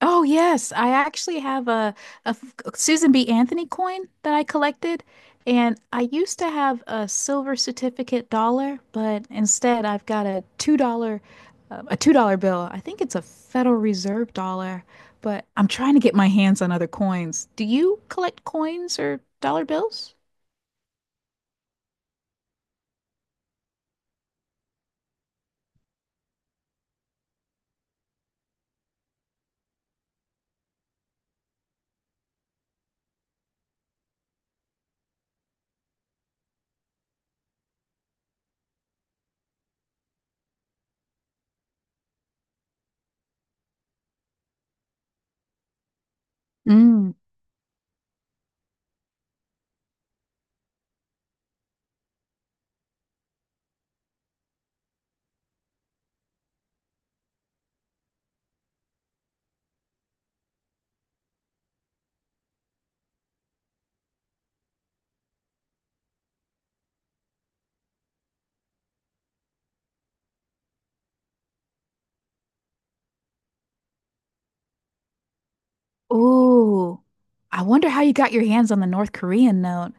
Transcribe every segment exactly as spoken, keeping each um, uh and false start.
Oh yes, I actually have a, a f- Susan B. Anthony coin that I collected, and I used to have a silver certificate dollar, but instead I've got a two dollar, uh, a two dollar bill. I think it's a Federal Reserve dollar, but I'm trying to get my hands on other coins. Do you collect coins or dollar bills? Mm. Ooh, I wonder how you got your hands on the North Korean note.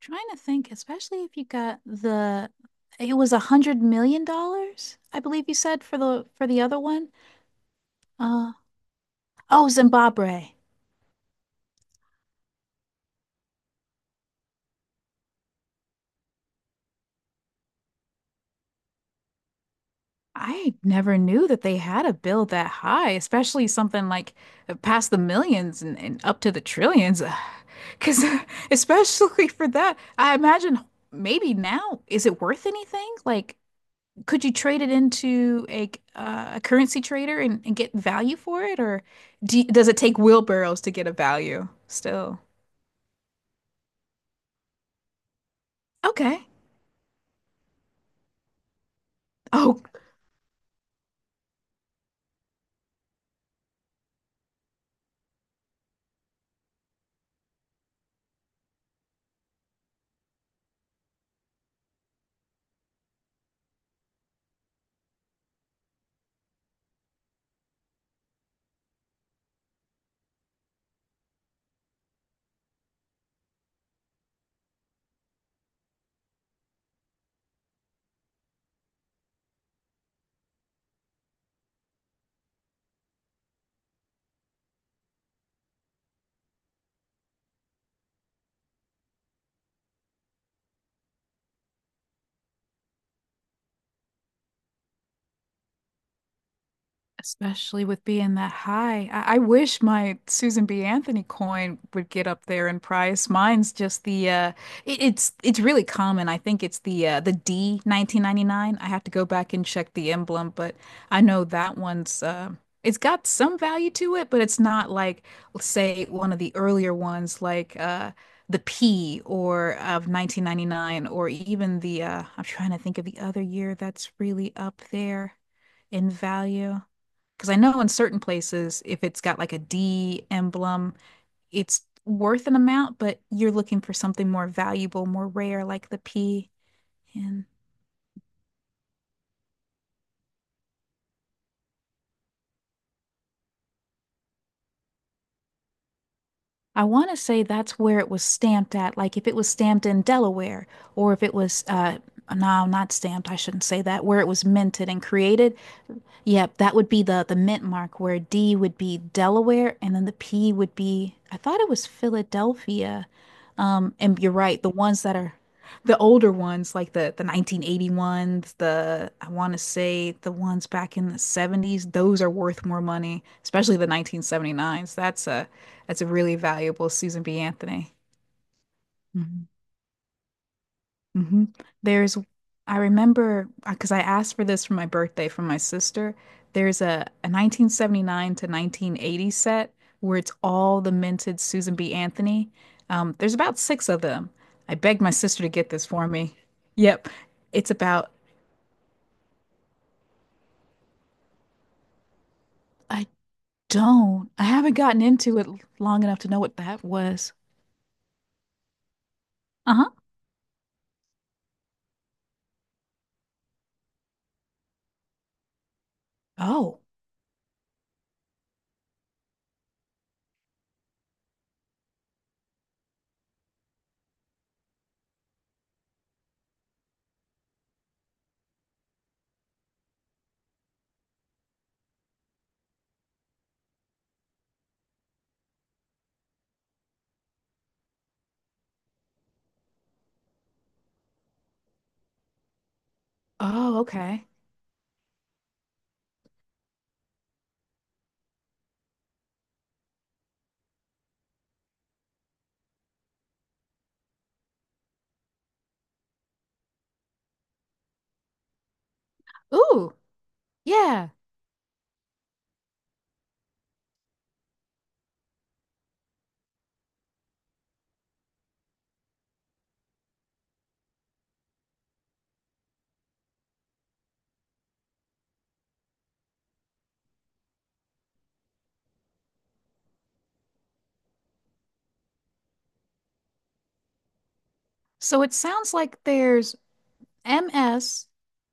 Trying to think, especially if you got the it was a hundred million dollars, I believe you said for the for the other one. Uh oh, Zimbabwe. I never knew that they had a bill that high, especially something like uh, past the millions and, and up to the trillions. Because especially for that, I imagine maybe now, is it worth anything? Like could you trade it into a uh, a currency trader and, and get value for it, or do, does it take wheelbarrows to get a value still? Okay. Oh. Especially with being that high. I, I wish my Susan B. Anthony coin would get up there in price. Mine's just the uh it, it's it's really common. I think it's the uh the D nineteen ninety-nine. I have to go back and check the emblem, but I know that one's uh, it's got some value to it, but it's not like, let's say, one of the earlier ones like uh the P or of nineteen ninety-nine or even the uh I'm trying to think of the other year that's really up there in value. Because I know in certain places, if it's got like a D emblem, it's worth an amount, but you're looking for something more valuable, more rare, like the P. And I want to say that's where it was stamped at. Like if it was stamped in Delaware, or if it was, uh, no, not stamped, I shouldn't say that, where it was minted and created. Yep, that would be the the mint mark where D would be Delaware and then the P would be, I thought, it was Philadelphia. Um, and you're right, the ones that are the older ones like the the nineteen eighty ones, the, I want to say, the ones back in the seventies, those are worth more money, especially the nineteen seventy-nines. That's a, that's a really valuable Susan B. Anthony. Hmm. There's, I remember because I asked for this for my birthday from my sister. There's a, a nineteen seventy-nine to nineteen eighty set where it's all the minted Susan B. Anthony. Um, there's about six of them. I begged my sister to get this for me. Yep. It's about, I don't, I haven't gotten into it long enough to know what that was. Uh-huh. Oh, oh, okay. Ooh, yeah. So it sounds like there's M S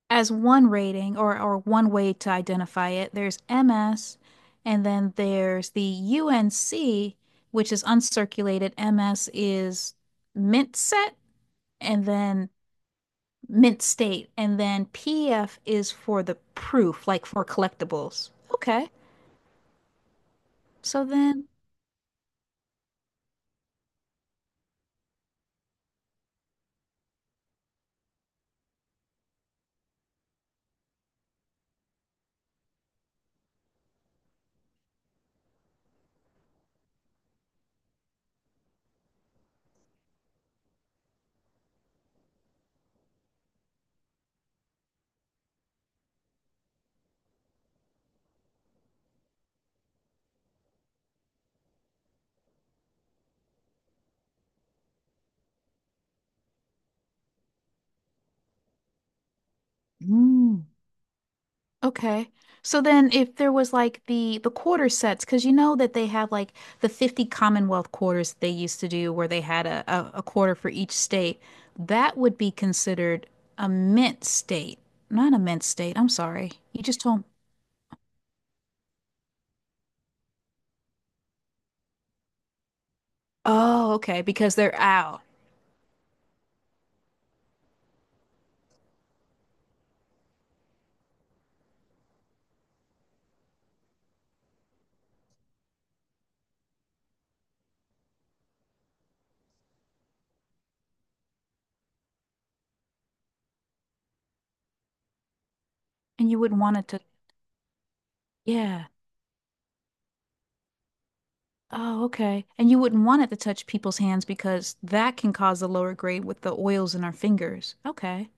as one rating, or, or one way to identify it. There's M S, and then there's the U N C, which is uncirculated. M S is mint set, and then mint state, and then P F is for the proof, like for collectibles. Okay. So then, hmm. Okay. So then if there was like the the quarter sets, because you know that they have like the fifty Commonwealth quarters that they used to do where they had a, a, a quarter for each state, that would be considered a mint state. Not a mint state. I'm sorry. You just told. Oh, okay, because they're out. And you wouldn't want it to. Yeah. Oh, okay. And you wouldn't want it to touch people's hands because that can cause a lower grade with the oils in our fingers. Okay.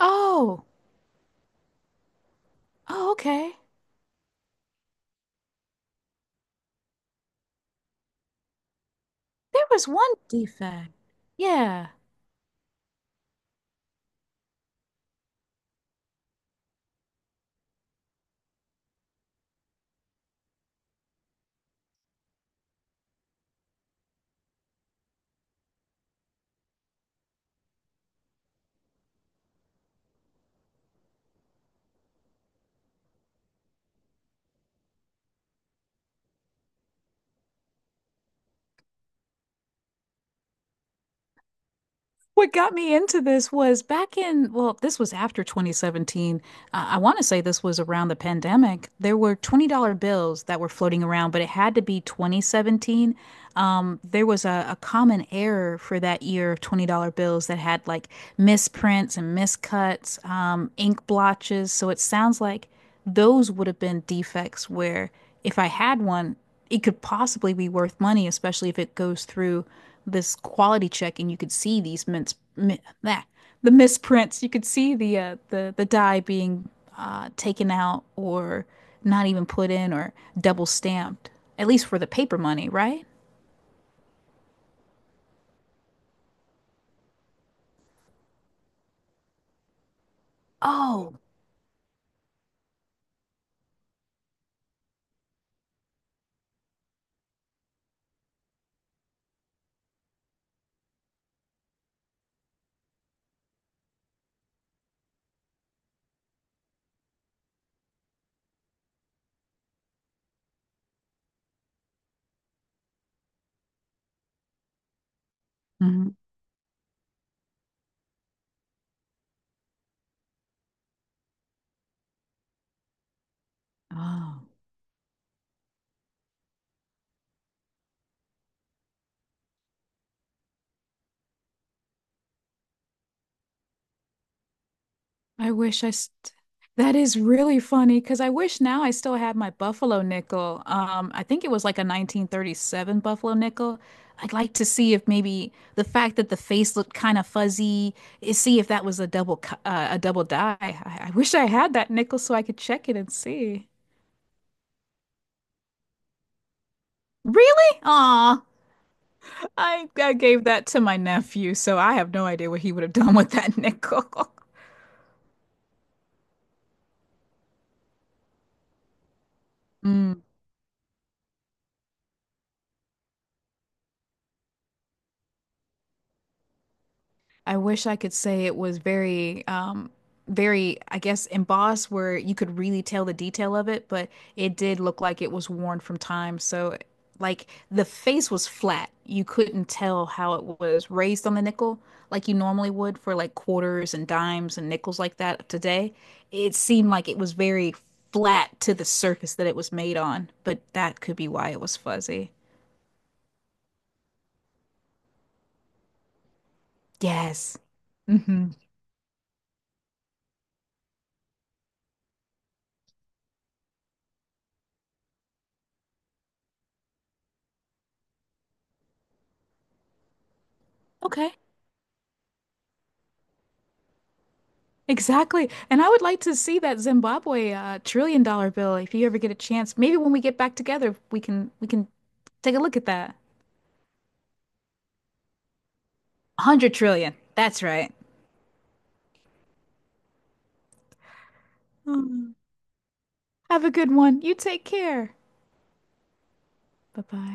Oh, oh, okay. There was one defect. Yeah. What got me into this was back in, well, this was after twenty seventeen. Uh, I want to say this was around the pandemic. There were twenty dollars bills that were floating around, but it had to be twenty seventeen. Um, there was a, a common error for that year of twenty dollars bills that had like misprints and miscuts, um, ink blotches. So it sounds like those would have been defects where, if I had one, it could possibly be worth money, especially if it goes through this quality check and you could see these mints, mi that, the misprints. You could see the uh, the the die being uh, taken out, or not even put in, or double stamped, at least for the paper money, right? Oh, hmm. I wish I st That is really funny because I wish now I still had my Buffalo nickel. Um, I think it was like a nineteen thirty-seven Buffalo nickel. I'd like to see if maybe the fact that the face looked kind of fuzzy, is see if that was a double co- uh, a double die. I, I wish I had that nickel so I could check it and see. Really? Aw, I I gave that to my nephew, so I have no idea what he would have done with that nickel. Mm. I wish I could say it was very, um, very, I guess, embossed, where you could really tell the detail of it, but it did look like it was worn from time. So, like, the face was flat. You couldn't tell how it was raised on the nickel like you normally would for like quarters and dimes and nickels like that today. It seemed like it was very flat to the surface that it was made on, but that could be why it was fuzzy. Yes. Hmm. Okay. Exactly. And I would like to see that Zimbabwe uh, trillion dollar bill if you ever get a chance. Maybe when we get back together, we can we can take a look at that. one hundred trillion. That's right. Mm. Have a good one. You take care. Bye-bye.